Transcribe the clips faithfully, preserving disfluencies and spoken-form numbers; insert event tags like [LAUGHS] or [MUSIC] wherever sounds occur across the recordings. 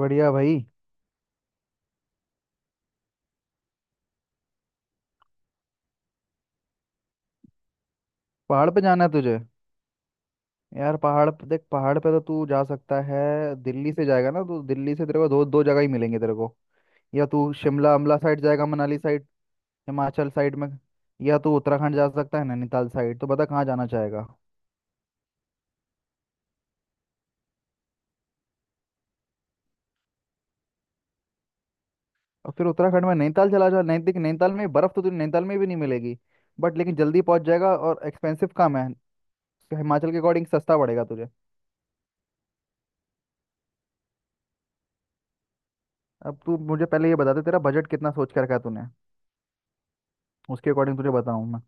बढ़िया भाई। पहाड़ पे जाना है तुझे? यार पहाड़ पे देख, पहाड़ पे तो तू जा सकता है। दिल्ली से जाएगा ना तो दिल्ली से तेरे को दो दो जगह ही मिलेंगे तेरे को। या तू शिमला अम्बला साइड जाएगा, मनाली साइड, हिमाचल साइड में, या तू उत्तराखंड जा सकता है, नैनीताल साइड। तो बता कहाँ जाना चाहेगा। और फिर उत्तराखंड में नैनीताल चला जा। नैनी देख, नैनीताल में बर्फ़ तो तुझे नैनीताल में भी नहीं मिलेगी, बट लेकिन जल्दी पहुंच जाएगा और एक्सपेंसिव कम है। हिमाचल के अकॉर्डिंग सस्ता पड़ेगा तुझे। अब तू मुझे पहले ये बता दे तेरा बजट कितना सोच के रखा है तूने, उसके अकॉर्डिंग तुझे बताऊँ मैं।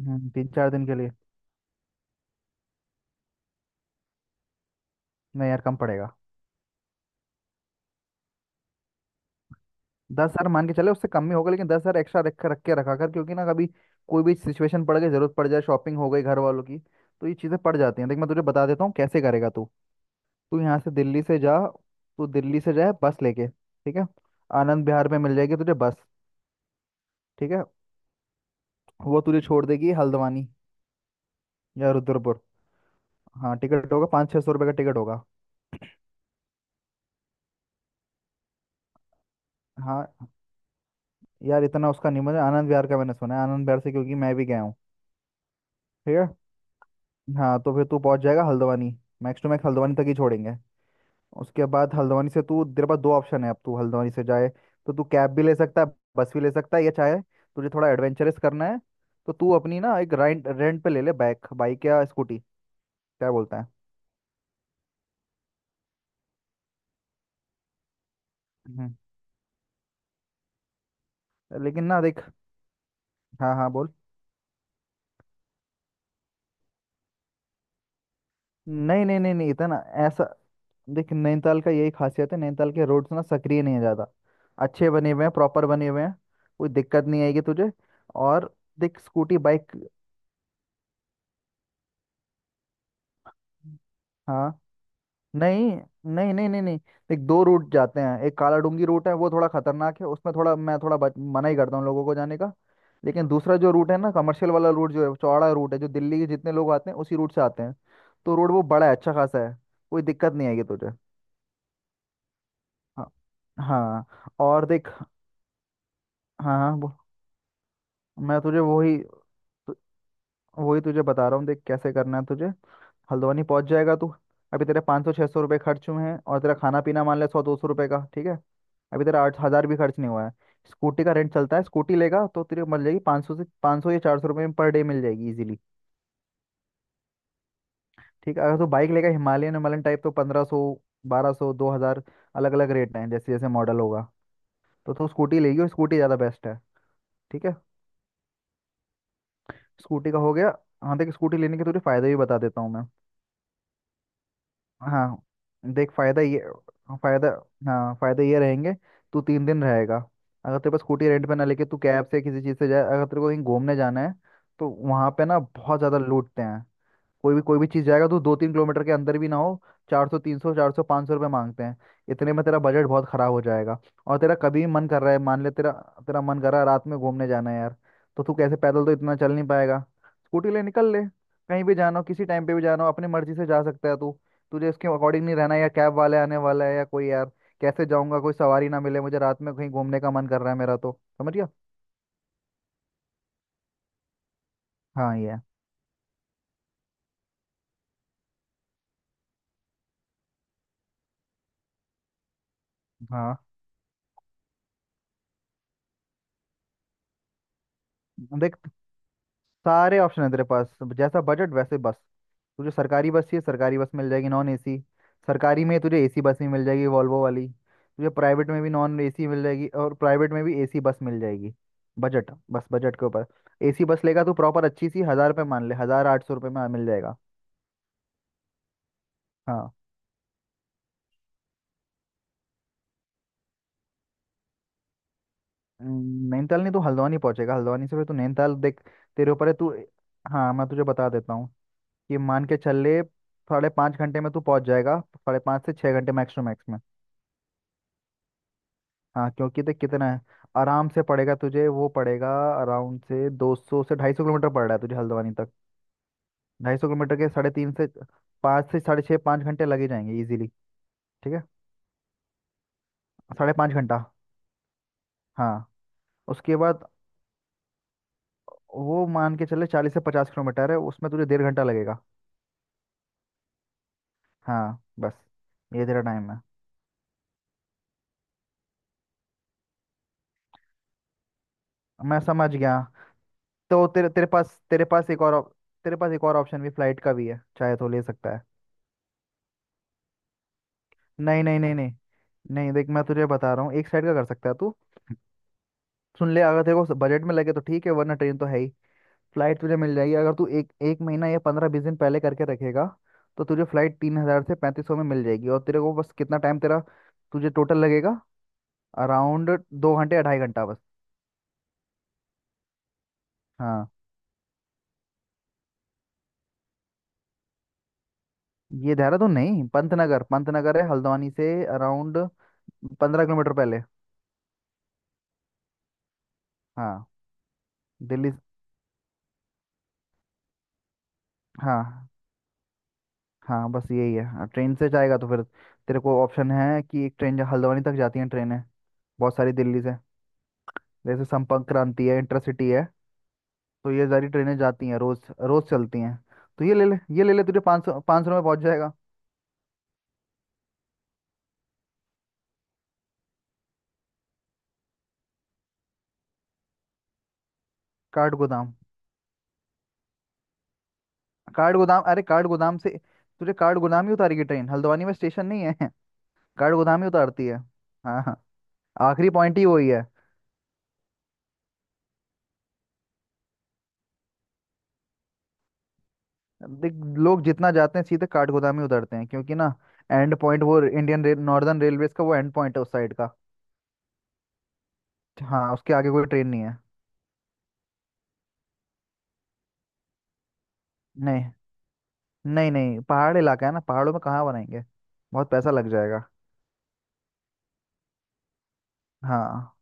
हम्म, तीन चार दिन के लिए? नहीं यार कम पड़ेगा। दस हजार मान के चले, उससे कम ही होगा, लेकिन दस हजार एक्स्ट्रा रख रख के रखा कर, क्योंकि ना कभी कोई भी सिचुएशन पड़ गई, जरूरत पड़ जाए, शॉपिंग हो गई घर वालों की, तो ये चीज़ें पड़ जाती हैं। देख मैं तुझे बता देता हूँ कैसे करेगा तू। तू यहाँ से दिल्ली से जा। तू दिल्ली से जाए बस लेके, ठीक है। आनंद विहार में मिल जाएगी तुझे बस। ठीक है। वो तुझे छोड़ देगी हल्द्वानी या रुद्रपुर। हाँ टिकट होगा, पाँच छः सौ रुपये का टिकट होगा। हाँ यार इतना उसका नहीं मुझे, आनंद विहार का मैंने सुना है, आनंद विहार से, क्योंकि मैं भी गया हूँ। ठीक है। हाँ तो फिर तू पहुंच जाएगा Haldwani. Max to max Haldwani तक ही छोड़ेंगे। उसके बाद हल्द्वानी से तू, तेरे पास दो ऑप्शन है, अब तू हल्द्वानी से जाए तो तू कैब भी ले सकता है, बस भी ले सकता है, या चाहे तुझे थोड़ा एडवेंचरस करना है तो तू अपनी ना एक रेंट, रेंट पे ले ले बाइक, बाइक या स्कूटी। क्या बोलता है? हम्म, लेकिन ना देख। हाँ हाँ बोल। नहीं नहीं नहीं नहीं, इतना ऐसा। देख नैनीताल का यही खासियत है, नैनीताल के रोड्स ना सक्रिय नहीं है ज़्यादा, अच्छे बने हुए हैं, प्रॉपर बने हुए हैं। कोई दिक्कत नहीं आएगी तुझे। और देख स्कूटी बाइक। हाँ। नहीं नहीं नहीं नहीं नहीं, एक दो रूट जाते हैं। एक काला डूंगी रूट है, वो थोड़ा खतरनाक है, उसमें थोड़ा मैं थोड़ा बच, मना ही करता हूँ लोगों को जाने का। लेकिन दूसरा जो रूट है ना कमर्शियल वाला रूट जो है, चौड़ा रूट है, जो दिल्ली के जितने लोग आते हैं उसी रूट से आते हैं। तो रोड वो बड़ा है, अच्छा खासा है। कोई दिक्कत नहीं आएगी तुझे। हाँ हाँ। और देख। हाँ हाँ वो- मैं तुझे वही, वही तुझे बता रहा हूँ। देख कैसे करना है तुझे। हल्द्वानी पहुंच जाएगा तू। अभी तेरे पाँच सौ छः सौ रुपये खर्च हुए हैं, और तेरा खाना पीना मान ले सौ दो सौ रुपये का, ठीक है। अभी तेरा आठ हज़ार भी खर्च नहीं हुआ है। स्कूटी का रेंट चलता है, स्कूटी लेगा तो तेरे को मिल जाएगी पाँच सौ से, पाँच सौ या चार सौ रुपये में पर डे मिल जाएगी इजीली। ठीक है, अगर तू बाइक लेगा, हिमालयन, हिमालयन टाइप, तो पंद्रह सौ, बारह सौ, दो हज़ार, अलग अलग रेट हैं जैसे जैसे मॉडल होगा। तो तू स्कूटी लेगी, और स्कूटी ज़्यादा बेस्ट है। ठीक है, स्कूटी का हो गया। हाँ देख स्कूटी लेने के तुझे फ़ायदे भी बता देता हूँ मैं। हाँ देख फायदा ये फायदा हाँ फायदा ये रहेंगे। तू तीन दिन रहेगा, अगर तेरे पास स्कूटी रेंट पे ना लेके तू कैब से किसी चीज़ से जाए, अगर तेरे को कहीं घूमने जाना है, तो वहाँ पे ना बहुत ज़्यादा लूटते हैं। कोई भी कोई भी चीज़ जाएगा तो दो तीन किलोमीटर के अंदर भी ना हो, चार सौ, तीन सौ, चार सौ, पाँच सौ रुपये मांगते हैं। इतने में तेरा बजट बहुत ख़राब हो जाएगा। और तेरा कभी भी मन कर रहा है, मान ले तेरा, तेरा मन कर रहा है रात में घूमने जाना है यार, तो तू कैसे, पैदल तो इतना चल नहीं पाएगा, स्कूटी ले निकल ले। कहीं भी जाना हो, किसी टाइम पे भी जाना हो, अपनी मर्जी से जा सकता है तू। तुझे इसके अकॉर्डिंग नहीं रहना है, या कैब वाले आने वाला है, या कोई यार कैसे जाऊंगा, कोई सवारी ना मिले मुझे, रात में कहीं घूमने का मन कर रहा है मेरा तो। समझ गया। हाँ ये है। हाँ देख, सारे ऑप्शन है तेरे पास, जैसा बजट वैसे बस। तुझे सरकारी बस चाहिए, सरकारी बस मिल जाएगी नॉन एसी। सरकारी में तुझे एसी बस भी मिल जाएगी वॉल्वो वाली, तुझे प्राइवेट में भी नॉन एसी मिल जाएगी, और प्राइवेट में भी एसी बस मिल जाएगी। बजट, बस बजट के ऊपर। एसी बस लेगा तो प्रॉपर अच्छी सी हज़ार रुपये, मान ले हज़ार आठ सौ रुपये में मिल जाएगा। हाँ। हम्म, नैनीताल नहीं तो हल्द्वानी पहुंचेगा, हल्द्वानी से फिर तू नैनीताल देख, तेरे ऊपर है तू। हाँ मैं तुझे बता देता हूँ, कि मान के चल ले, साढ़े पाँच घंटे में तू पहुंच जाएगा, साढ़े पाँच से छः घंटे मैक्स टू मैक्स में। हाँ क्योंकि देख कितना है, आराम से पड़ेगा तुझे, वो पड़ेगा अराउंड से दो सौ से ढाई सौ किलोमीटर पड़ रहा है तुझे हल्द्वानी तक। ढाई सौ किलोमीटर के साढ़े तीन से पाँच से साढ़े छः, पाँच घंटे लगे जाएंगे इजीली। ठीक है। साढ़े पाँच घंटा। हाँ। उसके बाद वो मान के चले चालीस से पचास किलोमीटर है, उसमें तुझे डेढ़ घंटा लगेगा। हाँ बस। ये तेरा टाइम है। मैं समझ गया। तो तेरे तेरे पास तेरे पास एक और ऑप- तेरे पास एक और ऑप्शन भी फ्लाइट का भी है, चाहे तो ले सकता है। नहीं नहीं नहीं नहीं नहीं, देख मैं तुझे बता रहा हूँ, एक साइड का कर सकता है तू। सुन ले, अगर तेरे को बजट में लगे तो ठीक है, वरना ट्रेन तो है ही। फ्लाइट तुझे मिल जाएगी अगर तू एक एक महीना या पंद्रह बीस दिन पहले करके रखेगा, तो तुझे फ्लाइट तीन हज़ार से पैंतीस सौ में मिल जाएगी। और तेरे को बस कितना टाइम तेरा, तुझे टोटल लगेगा अराउंड दो घंटे या ढाई घंटा बस। हाँ ये देहरादून नहीं, पंतनगर, पंतनगर है हल्द्वानी से अराउंड पंद्रह किलोमीटर पहले। हाँ। दिल्ली से- हाँ हाँ बस यही है। हाँ, ट्रेन से जाएगा तो फिर तेरे को ऑप्शन है कि एक ट्रेन जा- हल्द्वानी तक जाती है ट्रेनें बहुत सारी दिल्ली से। जैसे संपर्क क्रांति है, इंटरसिटी है, तो ये सारी ट्रेनें जाती हैं, रोज रोज चलती हैं। तो ये ले ले, ये ले ले, तुझे पाँच सौ पाँच सौ में पहुंच जाएगा। काठ गोदाम। काठ गोदाम अरे काठ गोदाम से तुझे काठ गोदाम ही उतारेगी ट्रेन, हल्द्वानी में स्टेशन नहीं है। [LAUGHS] काठ गोदाम ही उतारती है। हाँ हाँ। आखिरी पॉइंट ही वही है। देख लोग जितना जाते हैं सीधे काठ गोदाम ही उतरते हैं, क्योंकि ना एंड पॉइंट, वो इंडियन रेल नॉर्दर्न रेलवेज का वो एंड पॉइंट है उस साइड का। हाँ उसके आगे कोई ट्रेन नहीं है। नहीं नहीं नहीं, पहाड़ इलाका है ना, पहाड़ों में कहाँ बनाएंगे, बहुत पैसा लग जाएगा। हाँ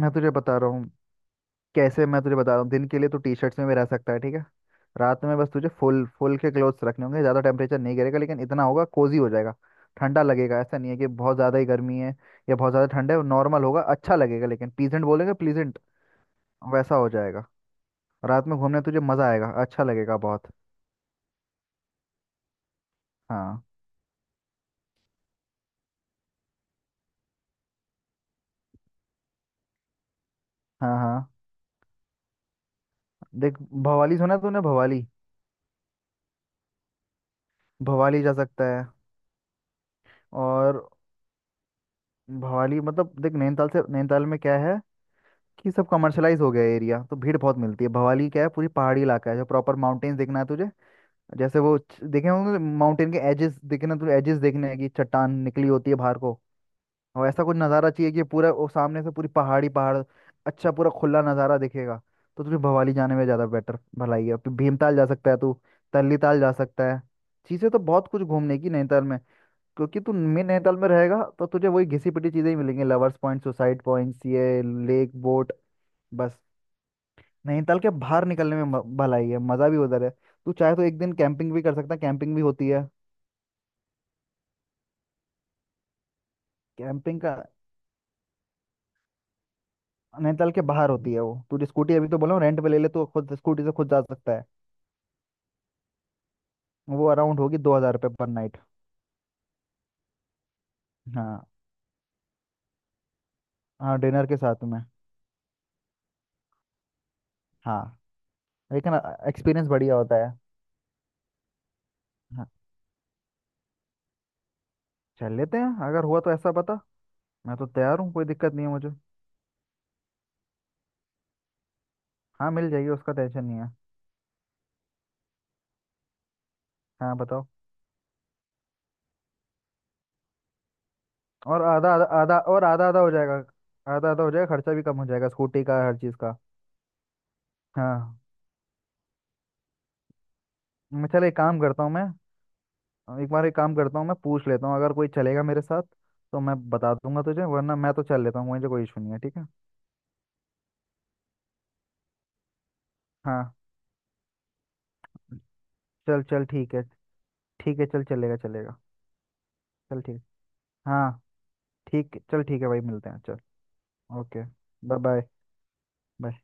मैं तुझे बता रहा हूँ कैसे, मैं तुझे बता रहा हूँ, दिन के लिए तो टी शर्ट्स में भी रह सकता है, ठीक है। रात में बस तुझे फुल फुल के क्लोथ्स रखने होंगे, ज़्यादा टेम्परेचर नहीं गिरेगा लेकिन इतना होगा, कोजी हो जाएगा। ठंडा लगेगा, ऐसा नहीं है कि बहुत ज़्यादा ही गर्मी है या बहुत ज़्यादा ठंड है। नॉर्मल होगा, अच्छा लगेगा, लेकिन प्लीजेंट बोलेंगे, प्लीजेंट वैसा हो जाएगा। रात में घूमने तुझे मज़ा आएगा, अच्छा लगेगा बहुत। हाँ हाँ। हाँ देख, भवाली सुना है तूने? भवाली। भवाली जा सकता है। और भवाली मतलब देख नैनीताल से, नैनीताल में क्या है कि सब कमर्शलाइज हो गया एरिया, तो भीड़ बहुत मिलती है। भवाली क्या है, पूरी पहाड़ी इलाका है। जो प्रॉपर माउंटेन्स देखना है तुझे, जैसे वो च- देखे होंगे माउंटेन के एजेस, देखे ना, तुझे एजेस देखने हैं, कि चट्टान निकली होती है बाहर को, और ऐसा कुछ नज़ारा चाहिए कि पूरा वो सामने से पूरी पहाड़ी पहाड़, अच्छा पूरा खुला नज़ारा दिखेगा। तो तुझे भवाली जाने में ज़्यादा बेटर, भलाई है। फिर भीमताल जा सकता है तू, तल्ली ताल जा सकता है। चीज़ें तो बहुत कुछ घूमने की नैनीताल में, क्योंकि तू मेन नैनीताल में रहेगा तो तुझे वही घिसी पिटी चीज़ें ही मिलेंगी, लवर्स पॉइंट, सुसाइड पॉइंट्स, ये, लेक, बोट, बस। नैनीताल के बाहर निकलने में म- भलाई है, मज़ा भी उधर है। तू चाहे तो एक दिन कैंपिंग भी कर सकता है, कैंपिंग भी होती है। कैंपिंग का, नैनीताल के बाहर होती है वो, तू स्कूटी अभी तो बोला हूँ रेंट पे ले ले, तो खुद स्कूटी से खुद जा सकता है। वो अराउंड होगी दो हज़ार रुपये पर नाइट। हाँ हाँ डिनर के साथ में। हाँ। लेकिन एक्सपीरियंस बढ़िया होता है। हाँ चल लेते हैं, अगर हुआ तो ऐसा बता। मैं तो तैयार हूँ, कोई दिक्कत नहीं है मुझे। हाँ मिल जाएगी, उसका टेंशन नहीं है। हाँ बताओ। और आधा आधा, आधा और आधा, आधा हो जाएगा। आधा आधा हो जाएगा, खर्चा भी कम हो जाएगा, स्कूटी का, हर चीज़ का। हाँ। मैं, चल एक काम करता हूँ मैं, एक बार एक काम करता हूँ मैं, पूछ लेता हूँ अगर कोई चलेगा मेरे साथ तो मैं बता दूंगा तुझे, वरना मैं तो चल लेता हूँ, मुझे कोई इशू नहीं है। ठीक है। हाँ चल चल ठीक है, ठीक है चल, चलेगा चलेगा। चल ठीक। हाँ ठीक, चल ठीक है भाई, मिलते हैं, चल। ओके। बाय। बाय।